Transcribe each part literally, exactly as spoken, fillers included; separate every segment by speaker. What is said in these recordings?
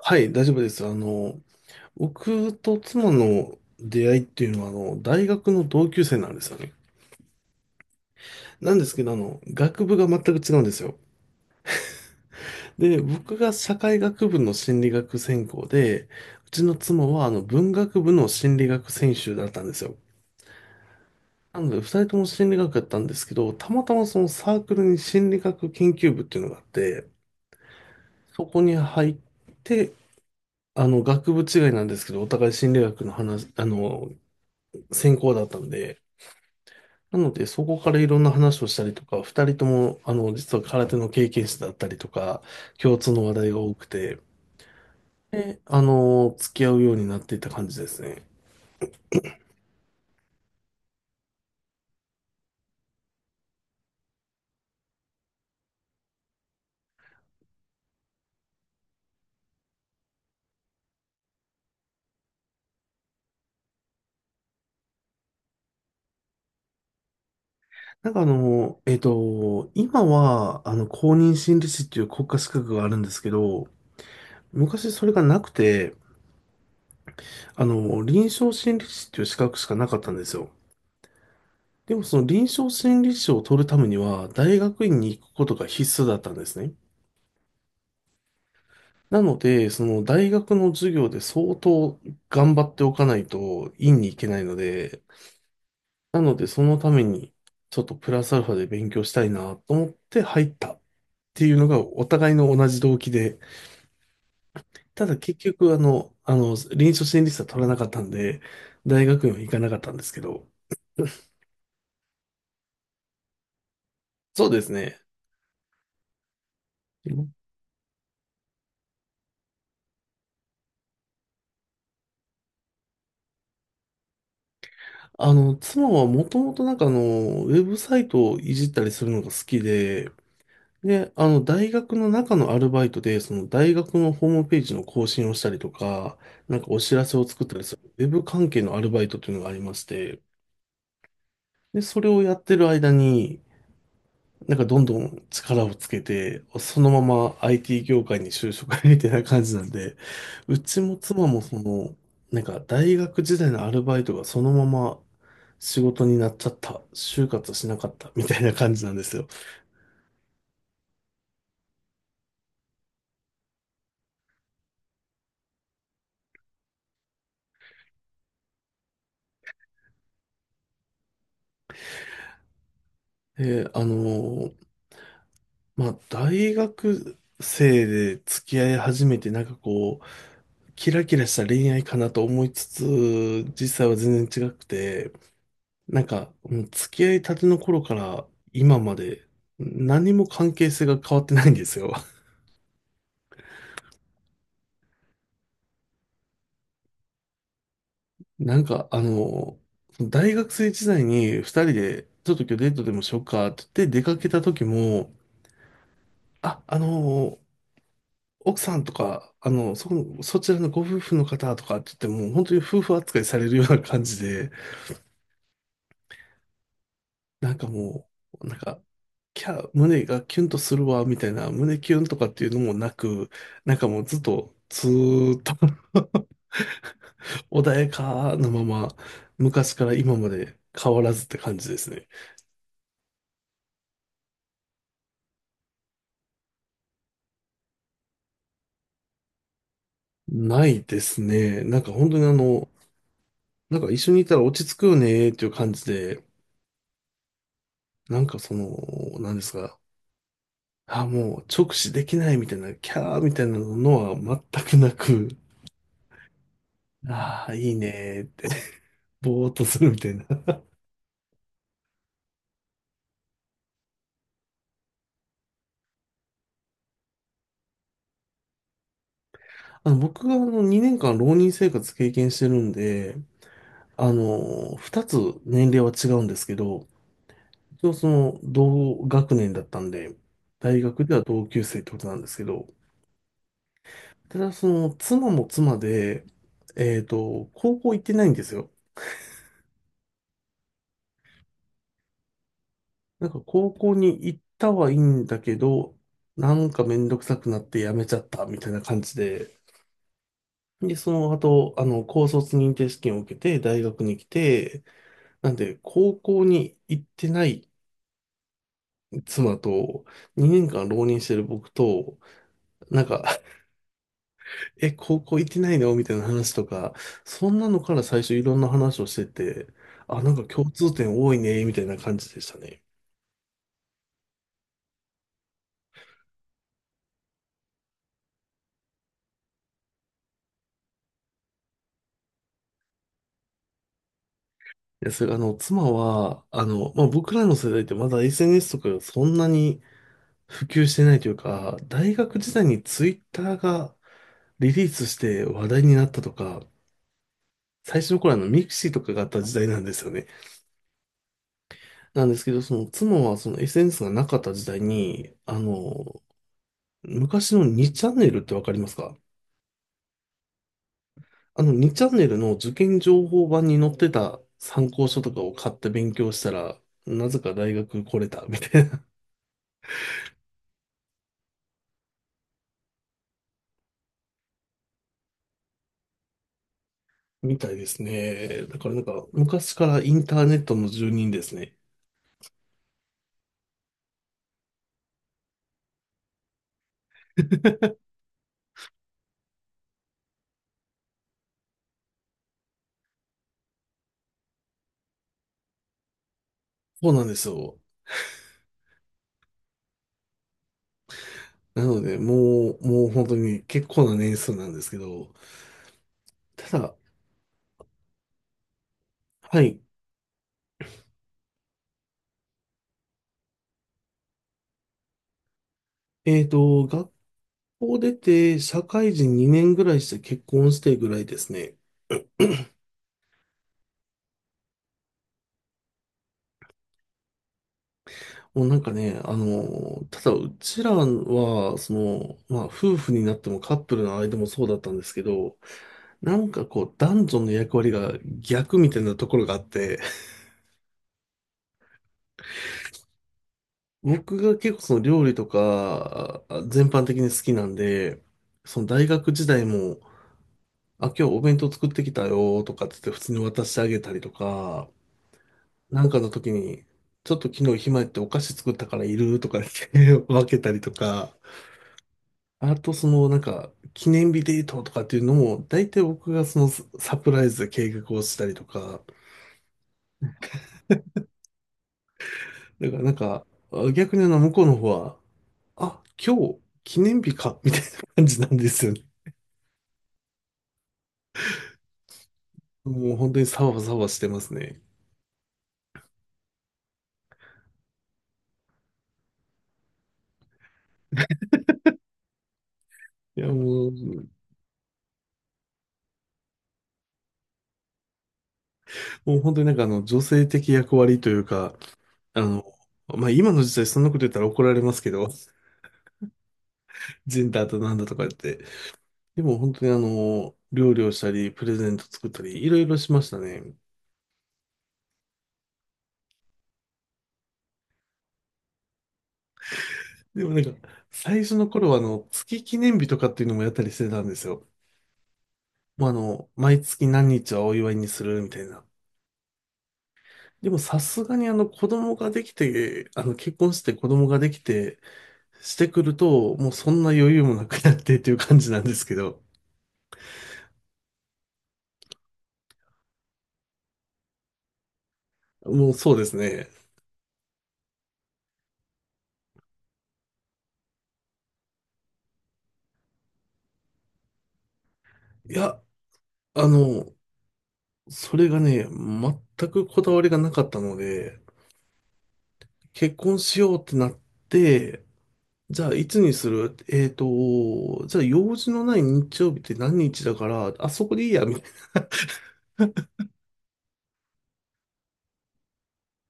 Speaker 1: はい、大丈夫です。あの、僕と妻の出会いっていうのは、あの、大学の同級生なんですよね。なんですけど、あの、学部が全く違うんですよ。で、僕が社会学部の心理学専攻で、うちの妻は、あの、文学部の心理学専修だったんですよ。なので、二人とも心理学だったんですけど、たまたまそのサークルに心理学研究部っていうのがあって、そこに入って、あの、学部違いなんですけど、お互い心理学の話、あの、専攻だったんで、なので、そこからいろんな話をしたりとか、二人とも、あの、実は空手の経験者だったりとか、共通の話題が多くて、で、あの、付き合うようになっていった感じですね。なんかあの、えっと、今は、あの、公認心理師っていう国家資格があるんですけど、昔それがなくて、あの、臨床心理師っていう資格しかなかったんですよ。でもその臨床心理師を取るためには、大学院に行くことが必須だったんですね。なので、その大学の授業で相当頑張っておかないと院に行けないので、なのでそのためにちょっとプラスアルファで勉強したいなと思って入ったっていうのがお互いの同じ動機で、ただ結局あの、あの、臨床心理士は取らなかったんで、大学院は行かなかったんですけど、そうですね。あの、妻はもともとなんかあの、ウェブサイトをいじったりするのが好きで、で、あの、大学の中のアルバイトで、その大学のホームページの更新をしたりとか、なんかお知らせを作ったりする、ウェブ関係のアルバイトというのがありまして、で、それをやってる間に、なんかどんどん力をつけて、そのまま アイティー 業界に就職みたいな感じなんで、うちも妻もその、なんか大学時代のアルバイトがそのまま仕事になっちゃった、就活しなかったみたいな感じなんですよ。で、あのまあ、大学生で付き合い始めて、なんかこう、キラキラした恋愛かなと思いつつ、実際は全然違くて、なんか、もう付き合いたての頃から今まで、何も関係性が変わってないんですよ。なんか、あの、大学生時代に二人で、ちょっと今日デートでもしようかって言って出かけた時も、あ、あの、奥さんとか、あの、そこの、そちらのご夫婦の方とかって言っても、本当に夫婦扱いされるような感じで、なんかもう、なんか、キャー、胸がキュンとするわ、みたいな、胸キュンとかっていうのもなく、なんかもうずっと、ずーっと 穏やかなまま、昔から今まで変わらずって感じですね。ないですね。なんか本当にあの、なんか一緒にいたら落ち着くよねっていう感じで、なんかその、なんですか、あ、もう直視できないみたいな、キャーみたいなのは全くなく、ああ、いいねーって、ぼーっとするみたいな。あの、僕があのにねんかん浪人生活経験してるんで、あの、ふたつ年齢は違うんですけど、一応その同学年だったんで、大学では同級生ってことなんですけど、ただその妻も妻で、えっと、高校行ってないんですよ。なんか高校に行ったはいいんだけど、なんかめんどくさくなって辞めちゃったみたいな感じで、で、その後、あの、高卒認定試験を受けて大学に来て、なんで、高校に行ってない妻と、にねんかん浪人してる僕と、なんか、え、高校行ってないのみたいな話とか、そんなのから最初いろんな話をしてて、あ、なんか共通点多いね、みたいな感じでしたね。いや、それ、あの、妻は、あの、まあ、僕らの世代ってまだ エスエヌエス とかがそんなに普及してないというか、大学時代にツイッターがリリースして話題になったとか、最初の頃あの、ミクシーとかがあった時代なんですよね。なんですけど、その妻はその エスエヌエス がなかった時代に、あの、昔のにチャンネルってわかりますか？あのにチャンネルの受験情報版に載ってた参考書とかを買って勉強したら、なぜか大学来れたみたいな、みたいですね。だからなんか昔からインターネットの住人ですね。そうなんですよ。なので、もう、もう本当に結構な年数なんですけど、ただ、はい。えっと、がこう出て、社会人にねんぐらいして結婚してぐらいですね。もうなんかね、あの、ただうちらは、その、まあ夫婦になってもカップルの間もそうだったんですけど、なんかこう男女の役割が逆みたいなところがあって、僕が結構その料理とかあ全般的に好きなんで、その大学時代も、あ、今日お弁当作ってきたよとかって言って普通に渡してあげたりとか、なんかの時に、ちょっと昨日暇やってお菓子作ったからいるとか言って 分けたりとか、あとそのなんか記念日デートとかっていうのも、大体僕がそのササプライズで計画をしたりとか、だからなんかあ逆にあの向こうの方は、あ、今日記念日かみたいな感じなんですよね。もう本当にサワサワしてますね。いやもう、もう本当になんかあの女性的役割というか、あの、まあ今の時代そんなこと言ったら怒られますけど、ジェンダーとなんだとか言って、でも本当にあの、料理をしたり、プレゼント作ったり、いろいろしましたね。でもなんか、最初の頃はあの、月記念日とかっていうのもやったりしてたんですよ。もうあの、毎月何日はお祝いにするみたいな。でもさすがにあの、子供ができて、あの、結婚して子供ができて、してくると、もうそんな余裕もなくなってっていう感じなんですけど、もうそうですね。いや、あの、それがね、全くこだわりがなかったので、結婚しようってなって、じゃあ、いつにする？えっと、じゃあ、用事のない日曜日って何日だから、あそこでいいや、みたい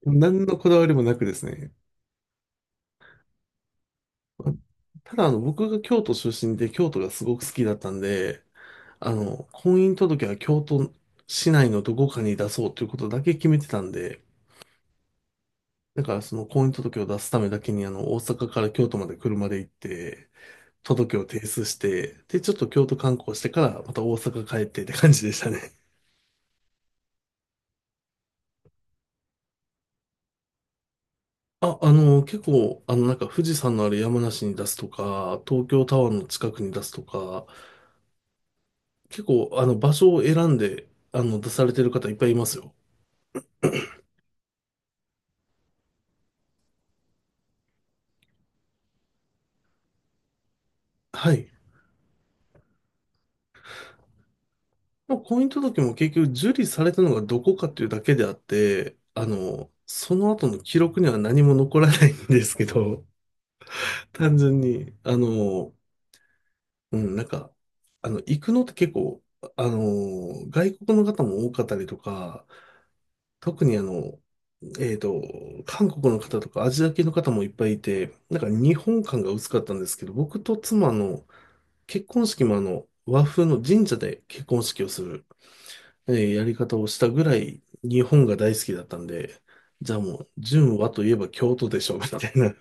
Speaker 1: な。何のこだわりもなくですね。あただ、あの、僕が京都出身で、京都がすごく好きだったんで、あの、婚姻届は京都市内のどこかに出そうということだけ決めてたんで、だから、その婚姻届を出すためだけに、あの、大阪から京都まで車で行って、届を提出して、で、ちょっと京都観光してから、また大阪帰ってって感じでしたね。あ、あの、結構、あの、なんか富士山のある山梨に出すとか、東京タワーの近くに出すとか、結構、あの、場所を選んで、あの、出されてる方いっぱいいますよ。はい。まあ、婚姻届も結局受理されたのがどこかっていうだけであって、あの、その後の記録には何も残らないんですけど、単純に、あの、うん、なんか、あの、行くのって結構、あの、外国の方も多かったりとか、特にあの、えっと、韓国の方とかアジア系の方もいっぱいいて、なんか日本感が薄かったんですけど、僕と妻の結婚式もあの、和風の神社で結婚式をする、えーやり方をしたぐらい日本が大好きだったんで、じゃあもう、純和といえば京都でしょ、みたいな